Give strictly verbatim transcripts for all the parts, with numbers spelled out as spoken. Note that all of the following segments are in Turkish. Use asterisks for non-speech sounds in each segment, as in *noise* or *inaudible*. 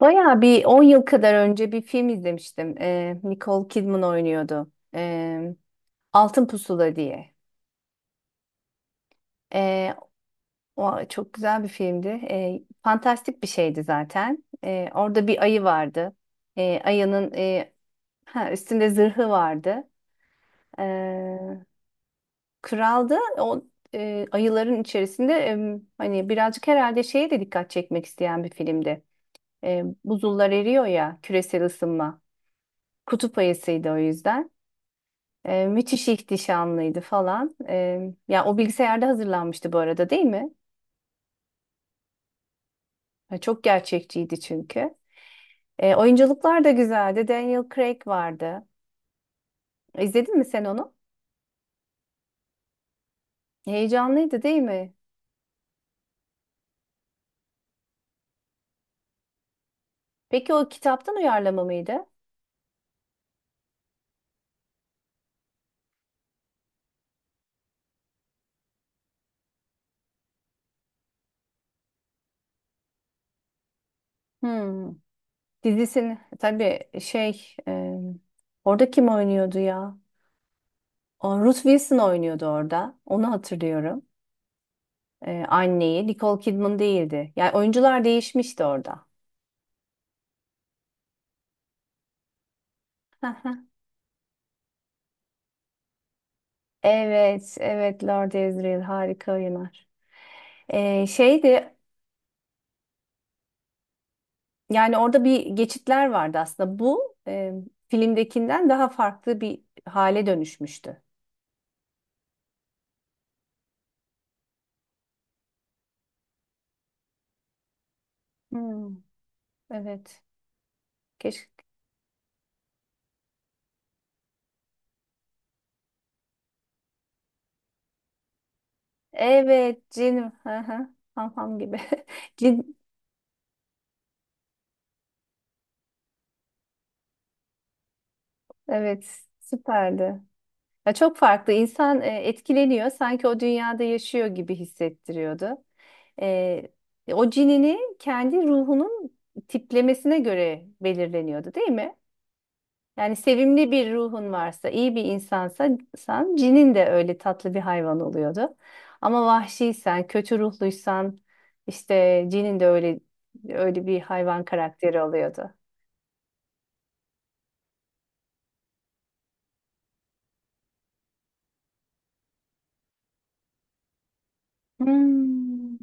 Bayağı bir on yıl kadar önce bir film izlemiştim. Ee, Nicole Kidman oynuyordu. Ee, Altın Pusula diye. Ee, O çok güzel bir filmdi. Ee, fantastik bir şeydi zaten. Ee, orada bir ayı vardı. Ee, ayının e, ha, üstünde zırhı vardı. Ee, Kraldı. O e, ayıların içerisinde e, hani birazcık herhalde şeye de dikkat çekmek isteyen bir filmdi. Ee, buzullar eriyor ya, küresel ısınma. Kutup ayısıydı o yüzden. E, müthiş ihtişamlıydı falan. E, ya o bilgisayarda hazırlanmıştı bu arada, değil mi? E, çok gerçekçiydi çünkü. E, oyunculuklar da güzeldi. Daniel Craig vardı. E, İzledin mi sen onu? Heyecanlıydı, değil mi? Peki o kitaptan uyarlama mıydı? Hmm. Dizisini tabii şey e, Orada kim oynuyordu ya? O, Ruth Wilson oynuyordu orada. Onu hatırlıyorum. E, anneyi. Nicole Kidman değildi. Yani oyuncular değişmişti orada. *laughs* Evet, evet, Lord Ezreal harika oynar. Ee, şeydi Yani orada bir geçitler vardı aslında. Bu e, filmdekinden daha farklı bir hale dönüşmüştü. Hmm. Evet. Keşke. Evet, Jin. Hı hı. Ham ham gibi. *laughs* Jin. Evet, süperdi. Ya çok farklı. İnsan e, etkileniyor. Sanki o dünyada yaşıyor gibi hissettiriyordu. E, O cinini kendi ruhunun tiplemesine göre belirleniyordu, değil mi? Yani sevimli bir ruhun varsa, iyi bir insansa, san, cinin de öyle tatlı bir hayvan oluyordu. Ama vahşiysen, kötü ruhluysan, işte cinin de öyle öyle bir hayvan karakteri oluyordu. Hmm.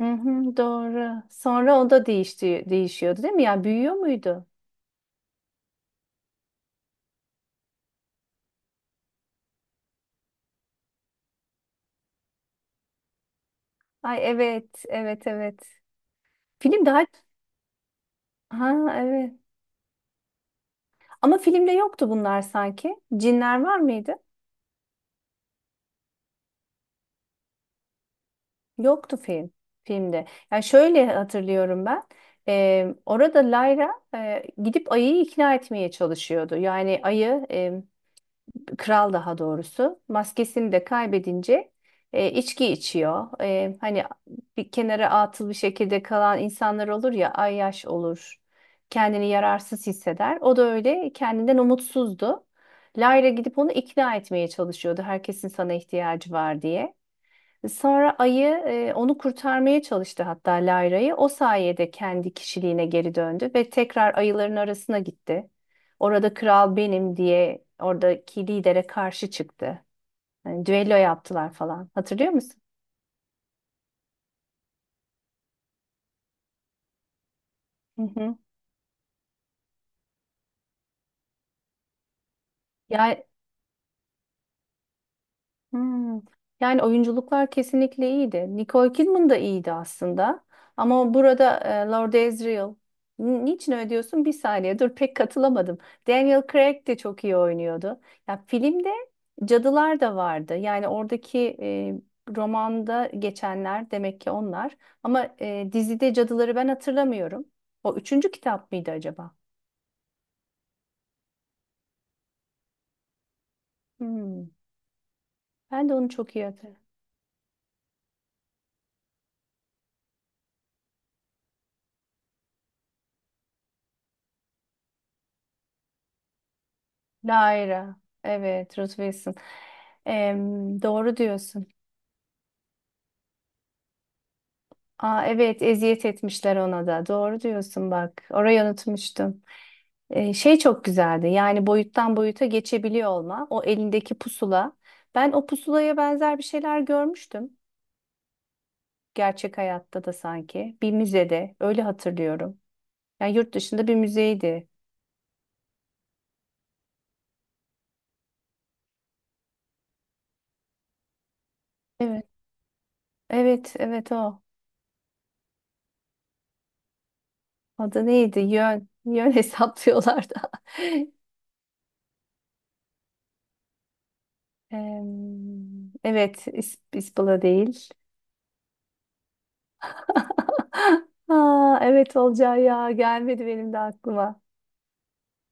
Hı hı, doğru. Sonra o da değişti, değişiyordu değil mi? Ya büyüyor muydu? Ay, evet, evet, evet. Film daha... Ha, evet. Ama filmde yoktu bunlar sanki. Cinler var mıydı? Yoktu film, filmde. Yani şöyle hatırlıyorum ben. Ee, orada Layra e, gidip ayıyı ikna etmeye çalışıyordu. Yani ayı e, kral daha doğrusu, maskesini de kaybedince e, içki içiyor. E, hani bir kenara atıl bir şekilde kalan insanlar olur ya, ayyaş olur. Kendini yararsız hisseder. O da öyle kendinden umutsuzdu. Lyra gidip onu ikna etmeye çalışıyordu. Herkesin sana ihtiyacı var diye. Sonra ayı e, onu kurtarmaya çalıştı hatta Layra'yı. O sayede kendi kişiliğine geri döndü ve tekrar ayıların arasına gitti. Orada kral benim diye oradaki lidere karşı çıktı. Yani düello yaptılar falan. Hatırlıyor musun? Hı hı. Ya. Hmm. Yani oyunculuklar kesinlikle iyiydi. Nicole Kidman da iyiydi aslında. Ama burada e, Lord Asriel... N- niçin öyle diyorsun? Bir saniye dur, pek katılamadım. Daniel Craig de çok iyi oynuyordu. Ya filmde cadılar da vardı. Yani oradaki, e, romanda geçenler demek ki onlar. Ama e, dizide cadıları ben hatırlamıyorum. O üçüncü kitap mıydı acaba? Hmm. Ben de onu çok iyi hatırlamıyorum. Lyra. Evet, Ruth Wilson. Em, doğru diyorsun. Aa, evet, eziyet etmişler ona da. Doğru diyorsun bak. Orayı unutmuştum. Ee, şey çok güzeldi. Yani boyuttan boyuta geçebiliyor olma. O elindeki pusula. Ben o pusulaya benzer bir şeyler görmüştüm. Gerçek hayatta da sanki. Bir müzede. Öyle hatırlıyorum. Yani yurt dışında bir müzeydi. Evet, evet, evet, o. Adı neydi? Yön. Yön hesaplıyorlardı. *laughs* Em, evet, is, ispala değil. *laughs* Aa, evet, olacağı ya gelmedi benim de aklıma.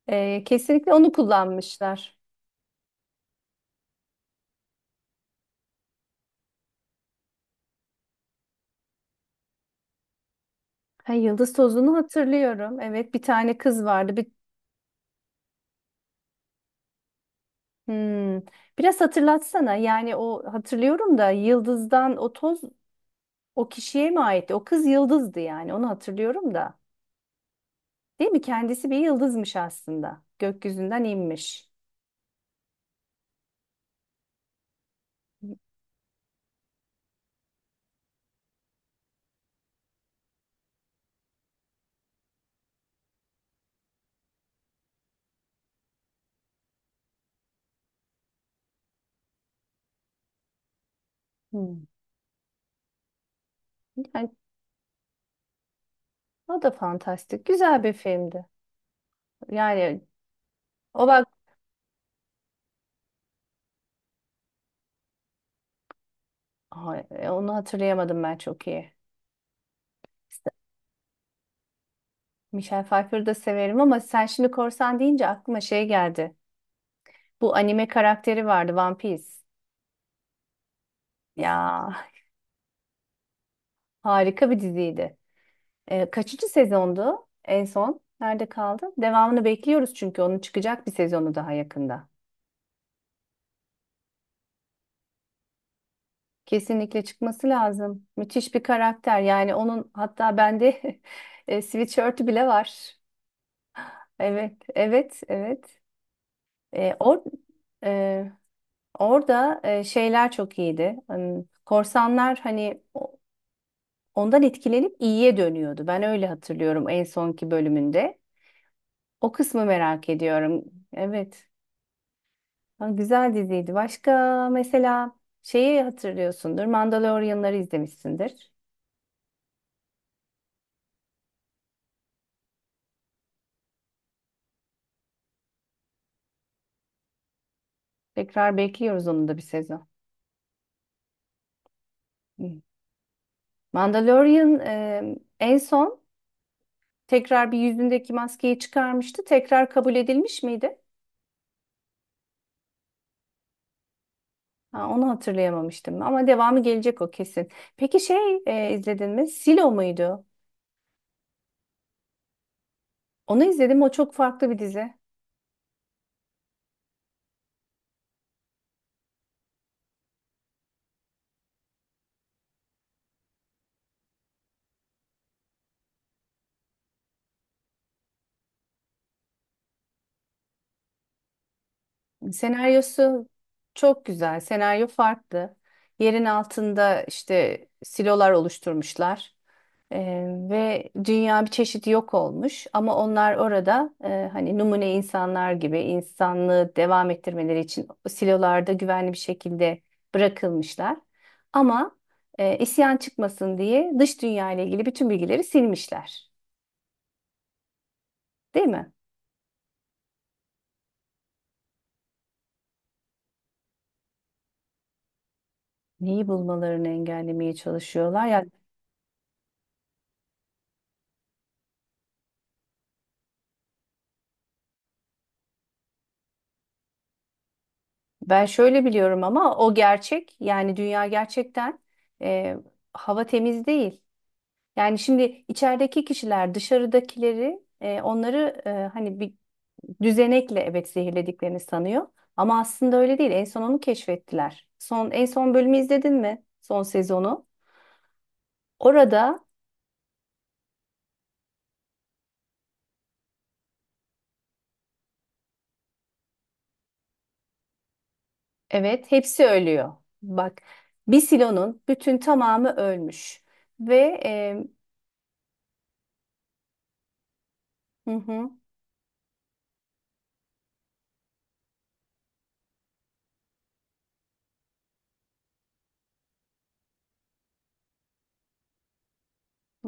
Ee, kesinlikle onu kullanmışlar. Ha, yıldız tozunu hatırlıyorum. Evet, bir tane kız vardı. Bir, hmm. Biraz hatırlatsana. Yani o hatırlıyorum da, yıldızdan o toz o kişiye mi aitti? O kız yıldızdı, yani onu hatırlıyorum da. Değil mi? Kendisi bir yıldızmış aslında. Gökyüzünden inmiş. Hmm. Yani o da fantastik. Güzel bir filmdi. Yani o bak... Ay, e, onu hatırlayamadım ben çok iyi. Michelle Pfeiffer'ı da severim ama sen şimdi korsan deyince aklıma şey geldi. Bu anime karakteri vardı, One Piece. Ya harika bir diziydi. Ee, kaçıncı sezondu en son? Nerede kaldı? Devamını bekliyoruz çünkü onun çıkacak bir sezonu daha yakında. Kesinlikle çıkması lazım. Müthiş bir karakter. Yani onun hatta bende *laughs* e, sweatshirt'ü bile var. Evet, evet, evet. E, or, e, Orada e, şeyler çok iyiydi. Hmm, korsanlar hani o- ondan etkilenip iyiye dönüyordu. Ben öyle hatırlıyorum en sonki bölümünde. O kısmı merak ediyorum. Evet. Ha, güzel diziydi. Başka mesela şeyi hatırlıyorsundur. Mandalorianları izlemişsindir. Tekrar bekliyoruz onun da bir sezon. Hmm. Mandalorian e, en son tekrar bir yüzündeki maskeyi çıkarmıştı. Tekrar kabul edilmiş miydi? Ha, onu hatırlayamamıştım ama devamı gelecek o kesin. Peki şey e, izledin mi? Silo muydu? Onu izledim. O çok farklı bir dizi. Senaryosu çok güzel. Senaryo farklı. Yerin altında işte silolar oluşturmuşlar. Ee, ve dünya bir çeşit yok olmuş ama onlar orada, e, hani numune insanlar gibi, insanlığı devam ettirmeleri için silolarda güvenli bir şekilde bırakılmışlar. Ama e, isyan çıkmasın diye dış dünya ile ilgili bütün bilgileri silmişler. Değil mi? Neyi bulmalarını engellemeye çalışıyorlar. Yani ben şöyle biliyorum, ama o gerçek, yani dünya gerçekten e, hava temiz değil. Yani şimdi içerideki kişiler dışarıdakileri, e, onları e, hani bir düzenekle, evet, zehirlediklerini sanıyor. Ama aslında öyle değil. En son onu keşfettiler. Son, en son bölümü izledin mi? Son sezonu. Orada evet, hepsi ölüyor. Bak, bir silonun bütün tamamı ölmüş. Ve e, hı hı,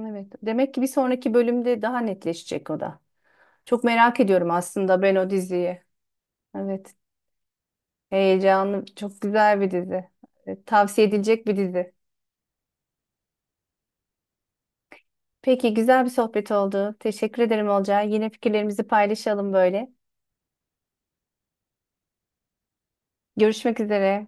evet, demek ki bir sonraki bölümde daha netleşecek o da. Çok merak ediyorum aslında ben o diziyi. Evet. Heyecanlı, çok güzel bir dizi. E, Tavsiye edilecek bir dizi. Peki, güzel bir sohbet oldu. Teşekkür ederim Olcay. Yine fikirlerimizi paylaşalım böyle. Görüşmek üzere.